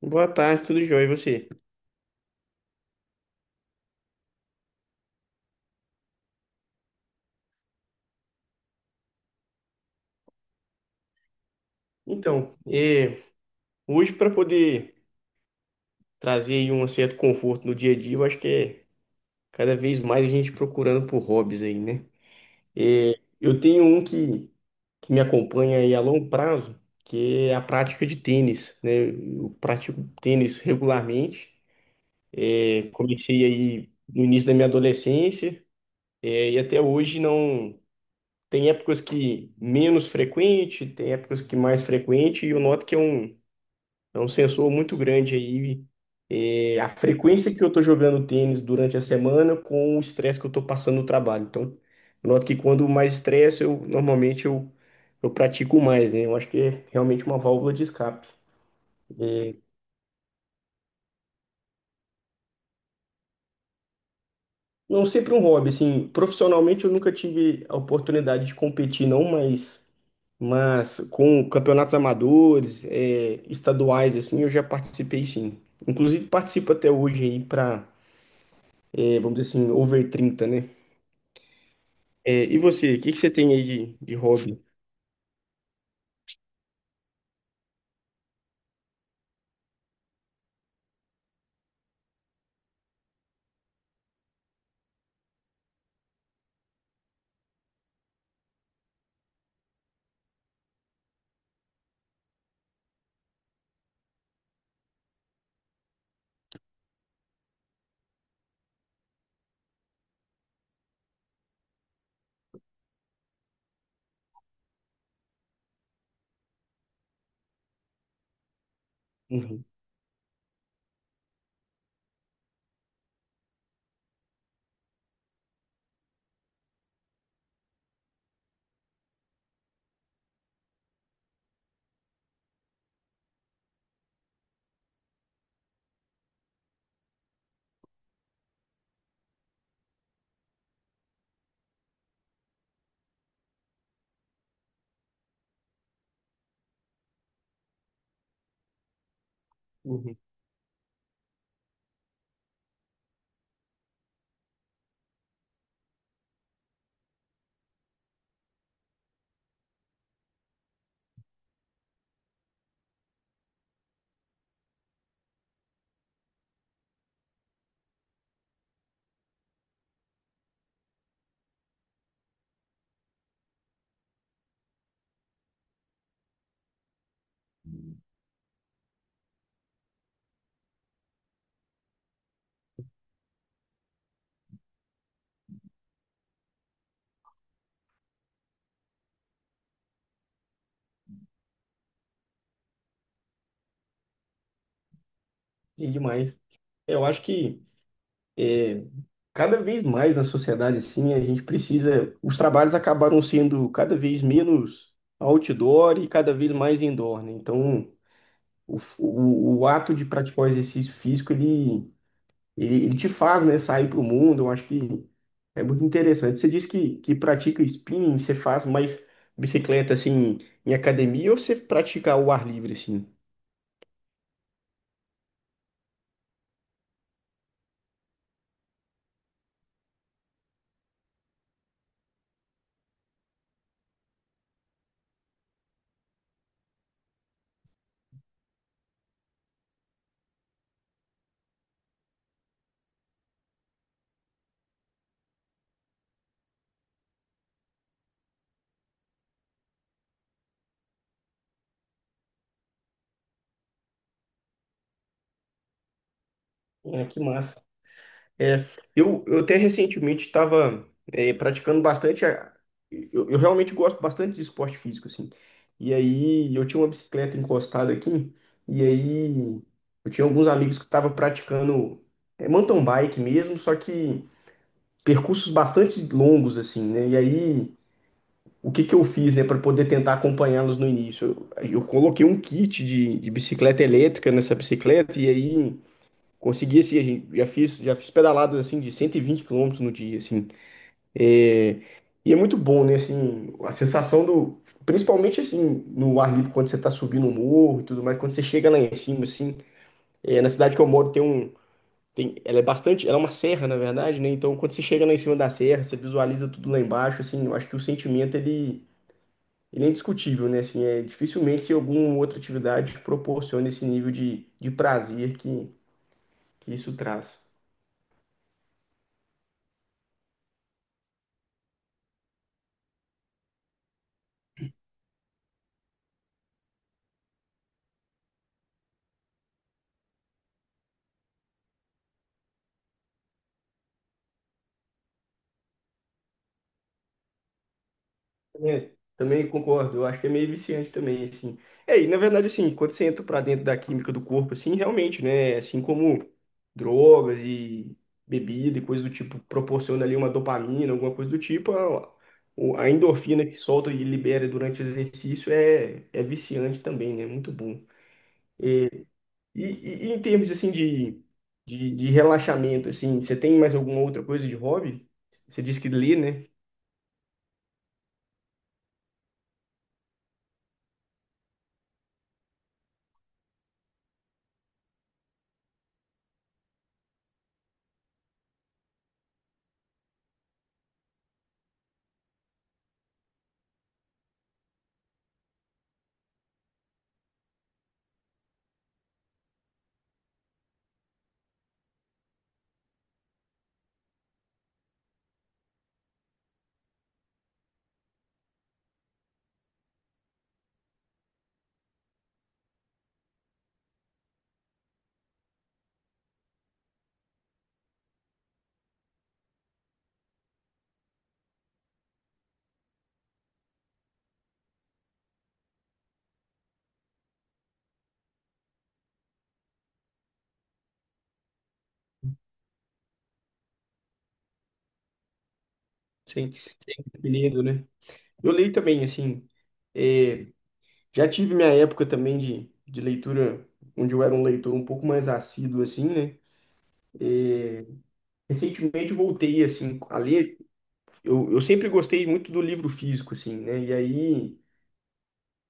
Boa tarde, tudo jóia, e você? Então, hoje para poder trazer aí um certo conforto no dia a dia, eu acho que é cada vez mais a gente procurando por hobbies aí, né? É, eu tenho um que me acompanha aí a longo prazo, que é a prática de tênis, né? Eu pratico tênis regularmente, comecei aí no início da minha adolescência. E até hoje não. Tem épocas que menos frequente, tem épocas que mais frequente, e eu noto que é um. É um sensor muito grande aí. A frequência que eu estou jogando tênis durante a semana com o estresse que eu estou passando no trabalho. Então, eu noto que quando mais estresse, eu normalmente eu pratico mais, né? Eu acho que é realmente uma válvula de escape. Não, sempre um hobby, assim, profissionalmente eu nunca tive a oportunidade de competir, não, mas com campeonatos amadores, estaduais, assim, eu já participei sim. Inclusive participo até hoje aí para, vamos dizer assim, over 30, né? E você, o que que você tem aí de hobby? Uhum, uhum. E demais. Eu acho que é, cada vez mais na sociedade, assim, a gente precisa. Os trabalhos acabaram sendo cada vez menos outdoor e cada vez mais indoor, né? Então, o ato de praticar o exercício físico, ele te faz, né, sair para o mundo. Eu acho que é muito interessante. Você disse que pratica spinning, você faz mais bicicleta, assim, em academia ou você pratica ao ar livre, assim? Que massa. É, eu até recentemente estava praticando bastante. Eu realmente gosto bastante de esporte físico, assim. E aí eu tinha uma bicicleta encostada aqui, e aí eu tinha alguns amigos que estavam praticando mountain bike mesmo, só que percursos bastante longos, assim, né? E aí o que que eu fiz, né, para poder tentar acompanhá-los no início? Eu coloquei um kit de bicicleta elétrica nessa bicicleta, e aí. Consegui, assim, já fiz pedaladas, assim, de 120 quilômetros no dia, assim. É, e é muito bom, né, assim, a sensação. Do... Principalmente, assim, no ar livre, quando você tá subindo um morro e tudo mais, quando você chega lá em cima, assim. Na cidade que eu moro tem um. Tem, ela é bastante. Ela é uma serra, na verdade, né? Então, quando você chega lá em cima da serra, você visualiza tudo lá embaixo, assim, eu acho que o sentimento, ele. Ele é indiscutível, né? Assim, dificilmente alguma outra atividade proporciona esse nível de prazer que isso traz. É, Também concordo, eu acho que é meio viciante também, assim. E na verdade, assim, quando você entra pra dentro da química do corpo, assim, realmente, né, assim como drogas e bebida e coisa do tipo, proporciona ali uma dopamina, alguma coisa do tipo, a endorfina que solta e libera durante o exercício é viciante também, né, muito bom. E em termos, assim, de relaxamento, assim, você tem mais alguma outra coisa de hobby? Você disse que lê, né? Sim, lendo, né? Eu leio também, assim. é, Já tive minha época também de leitura, onde eu era um leitor um pouco mais assíduo, assim, né? Recentemente eu voltei, assim, a ler. Eu sempre gostei muito do livro físico, assim, né? E aí,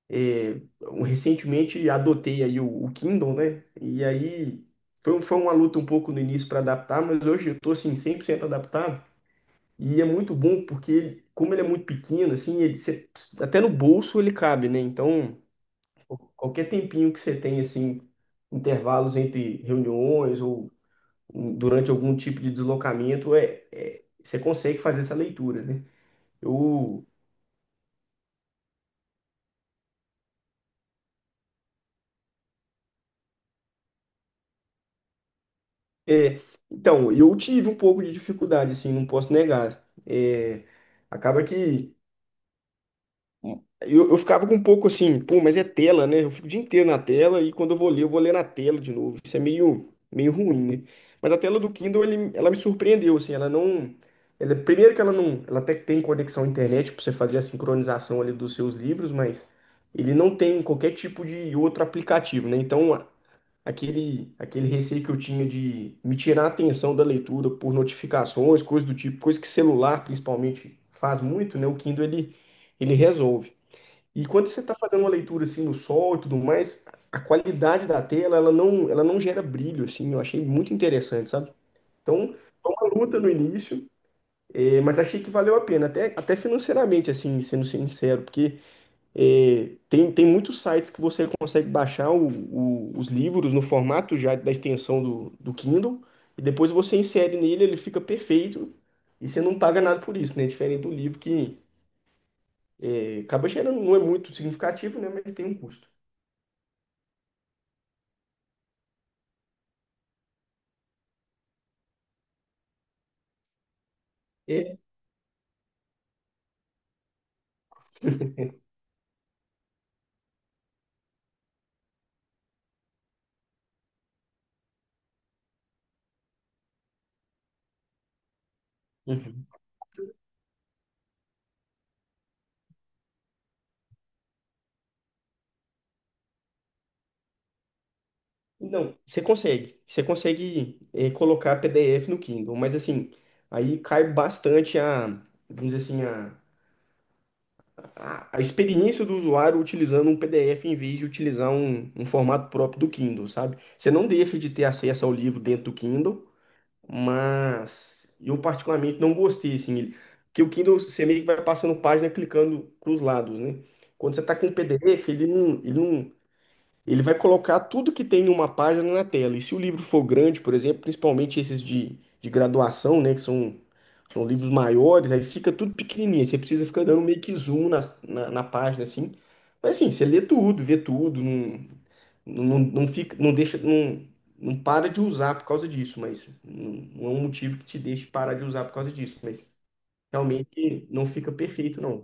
recentemente adotei aí o Kindle, né? E aí foi uma luta um pouco no início para adaptar, mas hoje eu tô, assim, 100% adaptado. E é muito bom porque, como ele é muito pequeno, assim, ele, até no bolso ele cabe, né? Então. Qualquer tempinho que você tem, assim, intervalos entre reuniões ou durante algum tipo de deslocamento, você consegue fazer essa leitura, né? Eu, é, então, eu tive um pouco de dificuldade, assim, não posso negar. Acaba que eu ficava com um pouco assim, pô, mas é tela, né? Eu fico o dia inteiro na tela e quando eu vou ler na tela de novo. Isso é meio, meio ruim, né? Mas a tela do Kindle, ela me surpreendeu, assim, ela não. Ela, primeiro que ela não. Ela até que tem conexão à internet para você fazer a sincronização ali dos seus livros, mas ele não tem qualquer tipo de outro aplicativo, né? Então, aquele receio que eu tinha de me tirar a atenção da leitura por notificações, coisas do tipo, coisa que celular, principalmente, faz muito, né? O Kindle, ele resolve. E quando você está fazendo uma leitura assim no sol e tudo mais, a qualidade da tela, ela não gera brilho, assim, eu achei muito interessante, sabe? Então, uma luta no início, mas achei que valeu a pena, até financeiramente, assim, sendo sincero, porque tem muitos sites que você consegue baixar os livros no formato já da extensão do Kindle, e depois você insere nele, ele fica perfeito, e você não paga nada por isso, né? Diferente do livro que acaba gerando, não é muito significativo, né? Mas tem um custo. É. Uhum. Não, você consegue. Você consegue colocar PDF no Kindle, mas assim, aí cai bastante vamos dizer assim, a experiência do usuário utilizando um PDF em vez de utilizar um formato próprio do Kindle, sabe? Você não deixa de ter acesso ao livro dentro do Kindle, mas eu particularmente não gostei, assim, porque o Kindle você meio que vai passando página clicando para os lados, né? Quando você está com o PDF, ele não. Ele vai colocar tudo que tem em uma página na tela. E se o livro for grande, por exemplo, principalmente esses de graduação, né, que são livros maiores, aí fica tudo pequenininho. Você precisa ficar dando meio que zoom página, assim. Mas assim, você lê tudo, vê tudo, não fica, não deixa, não para de usar por causa disso, mas não é um motivo que te deixe parar de usar por causa disso, mas realmente não fica perfeito, não.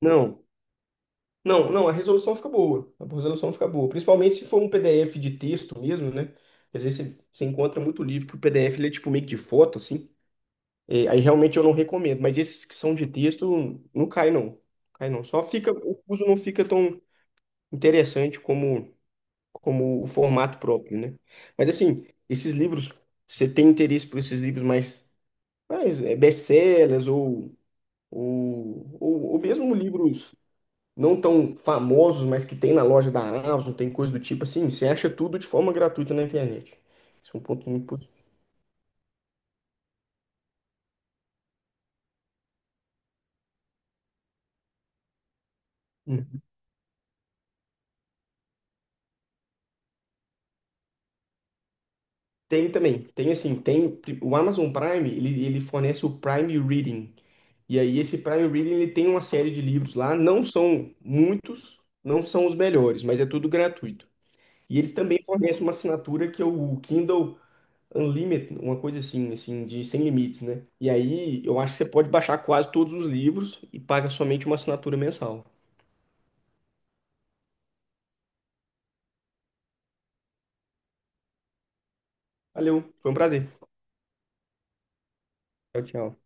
Não. Não, a resolução fica boa. A resolução fica boa. Principalmente se for um PDF de texto mesmo, né? Às vezes você, você encontra muito livro que o PDF ele é tipo meio que de foto, assim. É, aí realmente eu não recomendo. Mas esses que são de texto, não cai, não. Cai, não. Só fica, o uso não fica tão interessante como, como o formato próprio, né? Mas assim, esses livros, você tem interesse por esses livros mais, mais best-sellers ou, ou mesmo livros não tão famosos, mas que tem na loja da Amazon, tem coisa do tipo assim, você acha tudo de forma gratuita na internet. Isso é um ponto muito positivo. Hum. Tem também, tem assim, tem o Amazon Prime, ele fornece o Prime Reading. E aí esse Prime Reading, ele tem uma série de livros lá, não são muitos, não são os melhores, mas é tudo gratuito. E eles também fornecem uma assinatura que é o Kindle Unlimited, uma coisa assim, assim, de sem limites, né? E aí eu acho que você pode baixar quase todos os livros e paga somente uma assinatura mensal. Valeu, foi um prazer. Tchau, tchau.